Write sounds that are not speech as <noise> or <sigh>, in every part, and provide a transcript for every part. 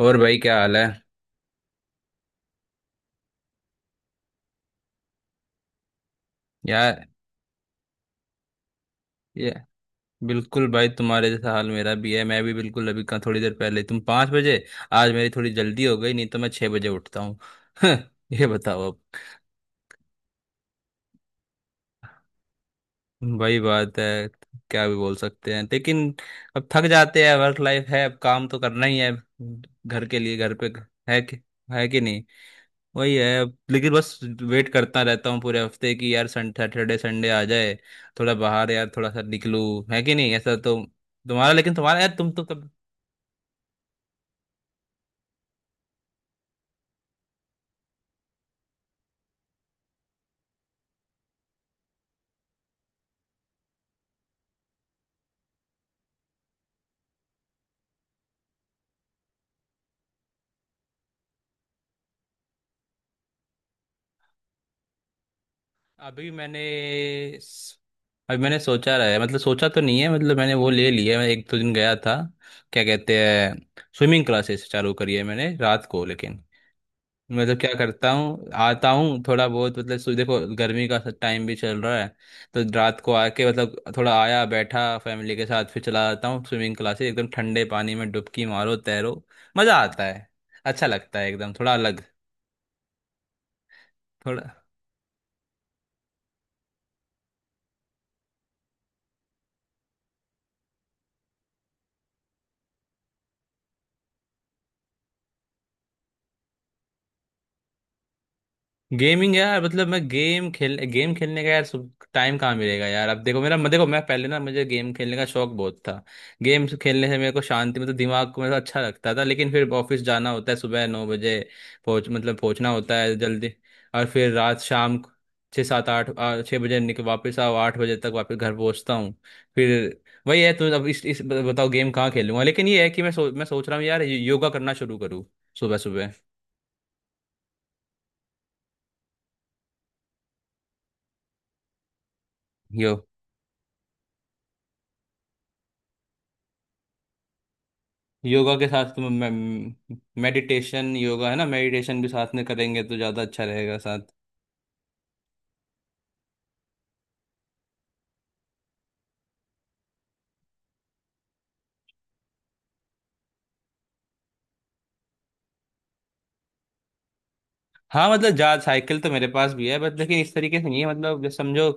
और भाई, क्या हाल है? यार, ये बिल्कुल भाई तुम्हारे जैसा हाल मेरा भी है। मैं भी बिल्कुल अभी का थोड़ी देर पहले तुम 5 बजे, आज मेरी थोड़ी जल्दी हो गई, नहीं तो मैं 6 बजे उठता हूँ। <laughs> ये बताओ अब। वही बात है, क्या भी बोल सकते हैं, लेकिन अब थक जाते हैं, वर्क लाइफ है, अब काम तो करना ही है। घर के लिए, घर पे है कि है कि नहीं? वही है अब, लेकिन बस वेट करता रहता हूँ पूरे हफ्ते कि यार, सन सैटरडे संडे आ जाए, थोड़ा बाहर यार, थोड़ा सा निकलूं, है कि नहीं, ऐसा तो। तुम्हारा, लेकिन तुम्हारा, यार तुम तो तब। अभी मैंने अभी मैंने सोचा रहा है, मतलब सोचा तो नहीं है, मतलब मैंने वो ले लिया है। मैं 1-2 दिन गया था। क्या कहते हैं, स्विमिंग क्लासेस चालू करी है मैंने रात को, लेकिन मतलब क्या करता हूँ, आता हूँ थोड़ा बहुत, मतलब देखो, गर्मी का टाइम भी चल रहा है, तो रात को आके मतलब थोड़ा आया, बैठा फैमिली के साथ, फिर चला जाता हूँ स्विमिंग क्लासेस, एकदम ठंडे पानी में डुबकी मारो, तैरो, मजा आता है, अच्छा लगता है, एकदम थोड़ा अलग। थोड़ा गेमिंग यार, मतलब मैं गेम खेलने का यार टाइम कहाँ मिलेगा यार? अब देखो, मेरा मैं देखो, मैं पहले ना, मुझे गेम खेलने का शौक बहुत था। गेम खेलने से मेरे को शांति, मतलब दिमाग को मेरा अच्छा लगता था, लेकिन फिर ऑफिस जाना होता है सुबह 9 बजे, पहुंचना होता है जल्दी। और फिर रात, शाम को छः सात आठ, छः बजे निकल, वापस आओ 8 बजे तक, वापस घर पहुंचता हूँ। फिर वही है। तो अब इस बताओ, गेम कहाँ खेलूंगा, लेकिन ये है कि मैं सोच रहा हूँ यार, योगा करना शुरू करूँ, सुबह सुबह। यो योगा के साथ तुम मेडिटेशन, योगा है ना, मेडिटेशन भी साथ में करेंगे तो ज़्यादा अच्छा रहेगा साथ। हाँ मतलब जा साइकिल तो मेरे पास भी है, बट लेकिन इस तरीके से नहीं है, मतलब जैसे समझो,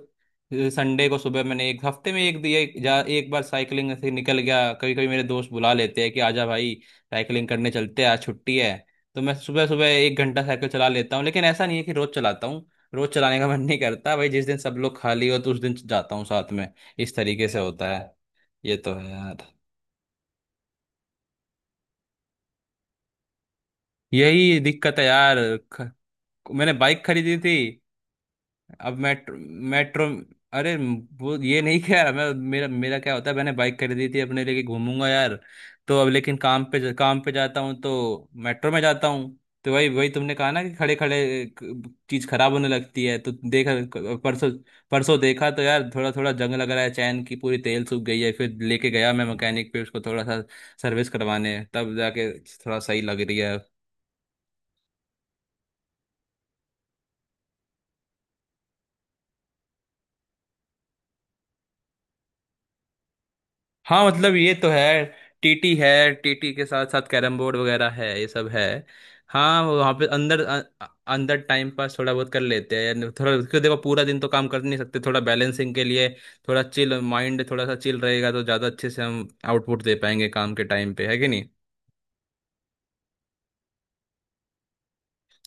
संडे को सुबह मैंने एक हफ्ते में एक दिया एक, जा एक बार साइकिलिंग ऐसे निकल गया, कभी कभी मेरे दोस्त बुला लेते हैं कि आजा भाई, साइकिलिंग करने चलते हैं, आज छुट्टी है, तो मैं सुबह सुबह 1 घंटा साइकिल चला लेता हूँ, लेकिन ऐसा नहीं है कि रोज चलाता हूँ, रोज चलाने का <laughs> मन नहीं करता भाई। जिस दिन सब लोग खाली हो तो उस दिन जाता हूँ साथ में, इस तरीके से होता है। ये तो है यार। यही दिक्कत है यार। ख, मैंने बाइक खरीदी थी। अब मेट्रो, मेट्रो, अरे वो ये नहीं क्या यार, मैं मेरा मेरा क्या होता है, मैंने बाइक खरीदी थी अपने, लेके घूमूंगा यार, तो अब लेकिन काम पे काम पे जाता हूँ तो मेट्रो में जाता हूँ। तो वही वही तुमने कहा ना कि खड़े खड़े चीज खराब होने लगती है, तो देखा परसों, परसों देखा तो यार थोड़ा थोड़ा जंग लग रहा है, चैन की पूरी तेल सूख गई है, फिर लेके गया मैं मैकेनिक पे, उसको थोड़ा सा सर्विस करवाने, तब जाके थोड़ा सही लग रही है। हाँ मतलब ये तो है, टीटी है, टीटी के साथ साथ कैरम बोर्ड वगैरह है, ये सब है। हाँ वो वहाँ पे अंदर अंदर टाइम पास थोड़ा बहुत कर लेते हैं, थोड़ा क्योंकि देखो पूरा दिन तो काम कर नहीं सकते, थोड़ा बैलेंसिंग के लिए थोड़ा चिल, माइंड थोड़ा सा चिल रहेगा तो ज़्यादा अच्छे से हम आउटपुट दे पाएंगे काम के टाइम पे, है कि नहीं।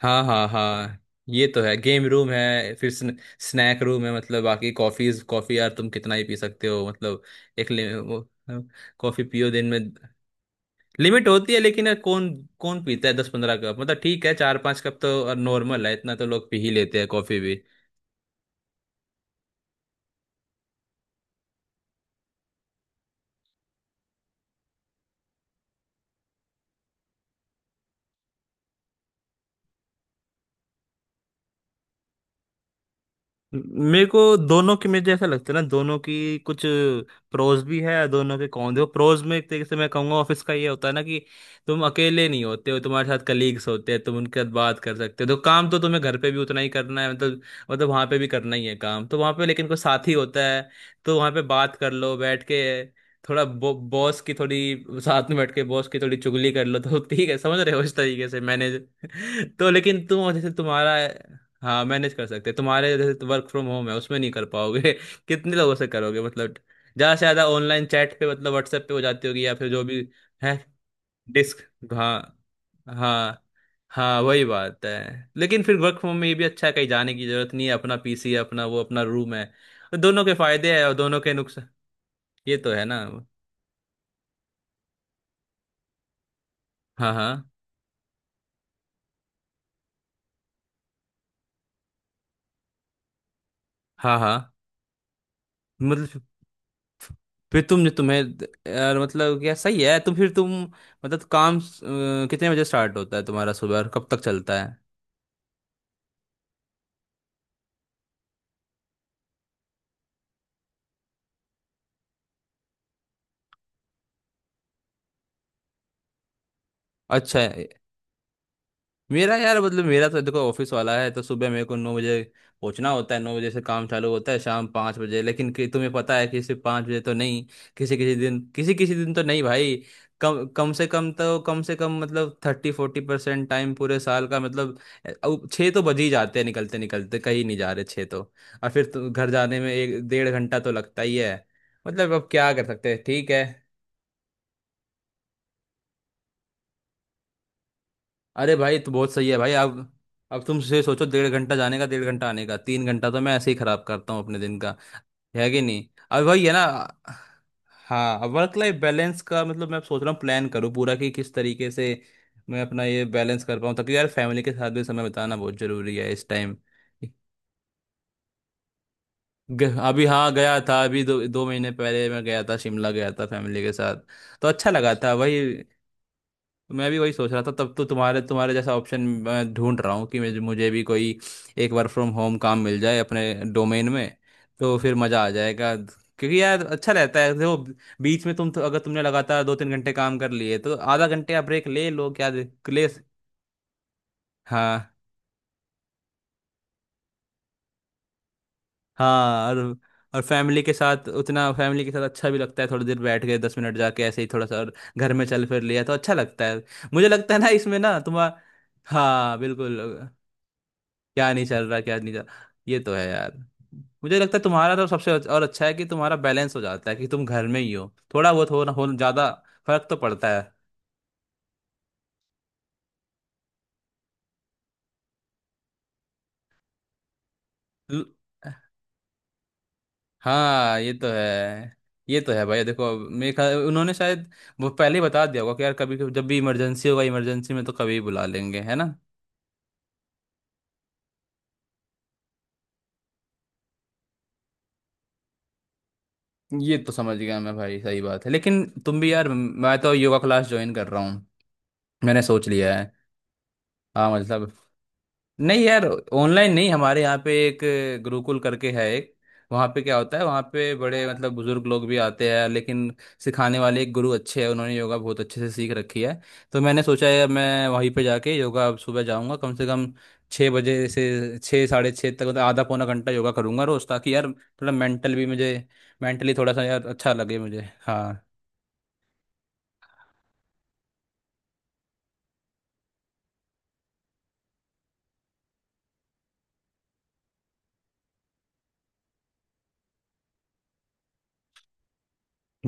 हाँ, हाँ, हाँ। ये तो है, गेम रूम है, फिर स्नैक रूम है, मतलब बाकी कॉफी यार तुम कितना ही पी सकते हो मतलब, एक ले, वो, कॉफी पियो दिन में। लिमिट होती है, लेकिन यार कौन कौन पीता है 10-15 कप, मतलब ठीक है, 4-5 कप तो नॉर्मल है, इतना तो लोग पी ही लेते हैं कॉफी भी। मेरे को दोनों की, मुझे ऐसा लगता है ना, दोनों की कुछ प्रोज भी है दोनों के, कौन देखो, प्रोज में एक तरीके से मैं कहूंगा ऑफिस का ये होता है ना कि तुम अकेले नहीं होते हो, तुम्हारे साथ कलीग्स होते हैं, तुम उनके साथ बात कर सकते हो, तो काम तो तुम्हें घर पे भी उतना ही करना है, मतलब, मतलब वहां पे भी करना ही है काम, तो वहां पे लेकिन कोई साथी होता है, तो वहां पे बात कर लो बैठ के, थोड़ा बॉस की थोड़ी साथ में बैठ के बॉस की थोड़ी चुगली कर लो तो ठीक है, समझ रहे हो, इस तरीके से मैनेज। तो लेकिन तुम जैसे तुम्हारा, हाँ मैनेज कर सकते, तुम्हारे जैसे वर्क फ्रॉम होम है उसमें नहीं कर पाओगे। <laughs> कितने लोगों से करोगे मतलब, ज्यादा से ज्यादा ऑनलाइन चैट पे, मतलब व्हाट्सएप पे हो जाती होगी, या फिर जो भी है, डिस्क हाँ, हाँ, हाँ, वही बात है, लेकिन फिर वर्क फ्रॉम होम में ये भी अच्छा है, कहीं जाने की जरूरत नहीं है, अपना पीसी है, अपना वो अपना रूम है, तो दोनों के फायदे है और दोनों के नुकसान, ये तो है ना। हाँ, हाँ, हाँ, हाँ। मतलब फिर तुम जो तुम्हें यार, मतलब क्या सही है, तुम फिर तुम, मतलब काम कितने बजे स्टार्ट होता है तुम्हारा सुबह और कब तक चलता है? अच्छा, मेरा यार, मतलब मेरा तो देखो ऑफिस वाला है, तो सुबह मेरे को 9 बजे पहुंचना होता है, 9 बजे से काम चालू होता है, शाम 5 बजे, लेकिन कि तुम्हें पता है कि सिर्फ 5 बजे तो नहीं, किसी किसी दिन तो नहीं भाई। कम कम से कम तो कम से कम मतलब 30-40% टाइम पूरे साल का मतलब, अब छः तो बज ही जाते हैं, निकलते निकलते, कहीं नहीं जा रहे, छः तो। और फिर तो घर जाने में एक 1.5 घंटा तो लगता ही है, मतलब अब क्या कर सकते हैं, ठीक है। अरे भाई तो बहुत सही है भाई। अब तुम से सोचो, 1.5 घंटा जाने का, 1.5 घंटा आने का, 3 घंटा तो मैं ऐसे ही खराब करता हूँ अपने दिन का, है कि नहीं, अब भाई, है ना? हाँ, वर्क लाइफ बैलेंस का मतलब, मैं अब सोच रहा हूँ प्लान करूँ पूरा कि किस तरीके से मैं अपना ये बैलेंस कर पाऊँ ताकि यार, फैमिली के साथ भी समय बिताना बहुत जरूरी है इस टाइम। अभी, हाँ, गया था अभी, दो दो महीने पहले मैं गया था, शिमला गया था फैमिली के साथ, तो अच्छा लगा था भाई। तो मैं भी वही सोच रहा था, तब तो तुम्हारे तुम्हारे जैसा ऑप्शन मैं ढूंढ रहा हूँ कि मुझे मुझे भी कोई एक वर्क फ्रॉम होम काम मिल जाए अपने डोमेन में, तो फिर मज़ा आ जाएगा, क्योंकि यार अच्छा रहता है देखो, बीच में तुम तो अगर तुमने लगातार 2-3 घंटे काम कर लिए तो आधा घंटे आप ब्रेक ले लो, क्या ले। हाँ, हाँ, और फैमिली के साथ उतना, फैमिली के साथ अच्छा भी लगता है, थोड़ी देर बैठ गए, 10 मिनट जाके ऐसे ही थोड़ा सा और घर में चल फिर लिया तो अच्छा लगता है। मुझे लगता है ना इसमें ना तुम्हारा, हाँ बिल्कुल, क्या नहीं चल रहा, क्या नहीं चल रहा, ये तो है यार। मुझे लगता है तुम्हारा तो सबसे और अच्छा है कि तुम्हारा बैलेंस हो जाता है, कि तुम घर में ही हो, थोड़ा बहुत हो ना हो, ज्यादा फर्क तो पड़ता है। ल- हाँ, ये तो है। ये तो है भाई, देखो मेरे ख्याल उन्होंने शायद वो पहले ही बता दिया होगा कि यार कभी कभी जब भी इमरजेंसी होगा, इमरजेंसी में तो कभी बुला लेंगे, है ना। ये तो समझ गया मैं भाई, सही बात है, लेकिन तुम भी यार, मैं तो योगा क्लास ज्वाइन कर रहा हूँ, मैंने सोच लिया है। हाँ मतलब, नहीं यार, ऑनलाइन नहीं, हमारे यहाँ पे एक गुरुकुल करके है एक, वहाँ पे क्या होता है, वहाँ पे बड़े, मतलब बुजुर्ग लोग भी आते हैं, लेकिन सिखाने वाले एक गुरु अच्छे हैं, उन्होंने योगा बहुत अच्छे से सीख रखी है, तो मैंने सोचा है मैं वहीं पे जाके योगा अब सुबह जाऊँगा, कम से कम 6 बजे से छः, 6:30 तक, मतलब आधा पौना घंटा योगा करूँगा रोज़, ताकि यार थोड़ा मेंटल भी मुझे, मेंटली थोड़ा सा यार अच्छा लगे मुझे, हाँ,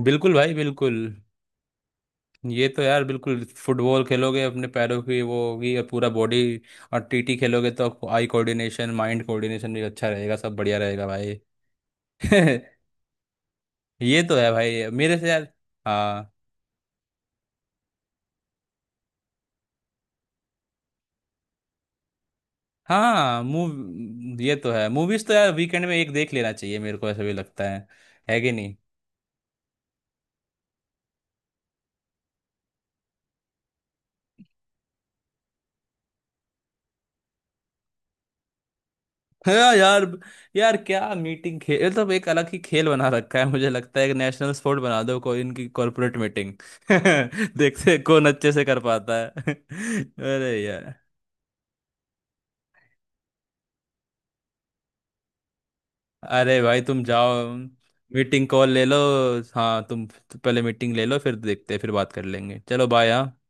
बिल्कुल भाई, बिल्कुल। ये तो यार बिल्कुल, फुटबॉल खेलोगे अपने पैरों की वो होगी और पूरा बॉडी, और टीटी खेलोगे तो आई कोऑर्डिनेशन, माइंड कोऑर्डिनेशन भी अच्छा रहेगा, सब बढ़िया रहेगा भाई। <laughs> ये तो है भाई, मेरे से यार, हाँ, हाँ, मूव ये तो है, मूवीज तो यार वीकेंड में एक देख लेना चाहिए, मेरे को ऐसा भी लगता है कि नहीं। हाँ यार, यार क्या मीटिंग खेल, मतलब एक अलग ही खेल बना रखा है, मुझे लगता है एक नेशनल स्पोर्ट बना दो कोई इनकी कॉर्पोरेट मीटिंग, <laughs> देखते हैं कौन अच्छे से कर पाता है। <laughs> अरे यार, अरे भाई तुम जाओ, मीटिंग कॉल ले लो, हाँ तुम पहले मीटिंग ले लो, फिर देखते हैं, फिर बात कर लेंगे, चलो, बाय, हाँ।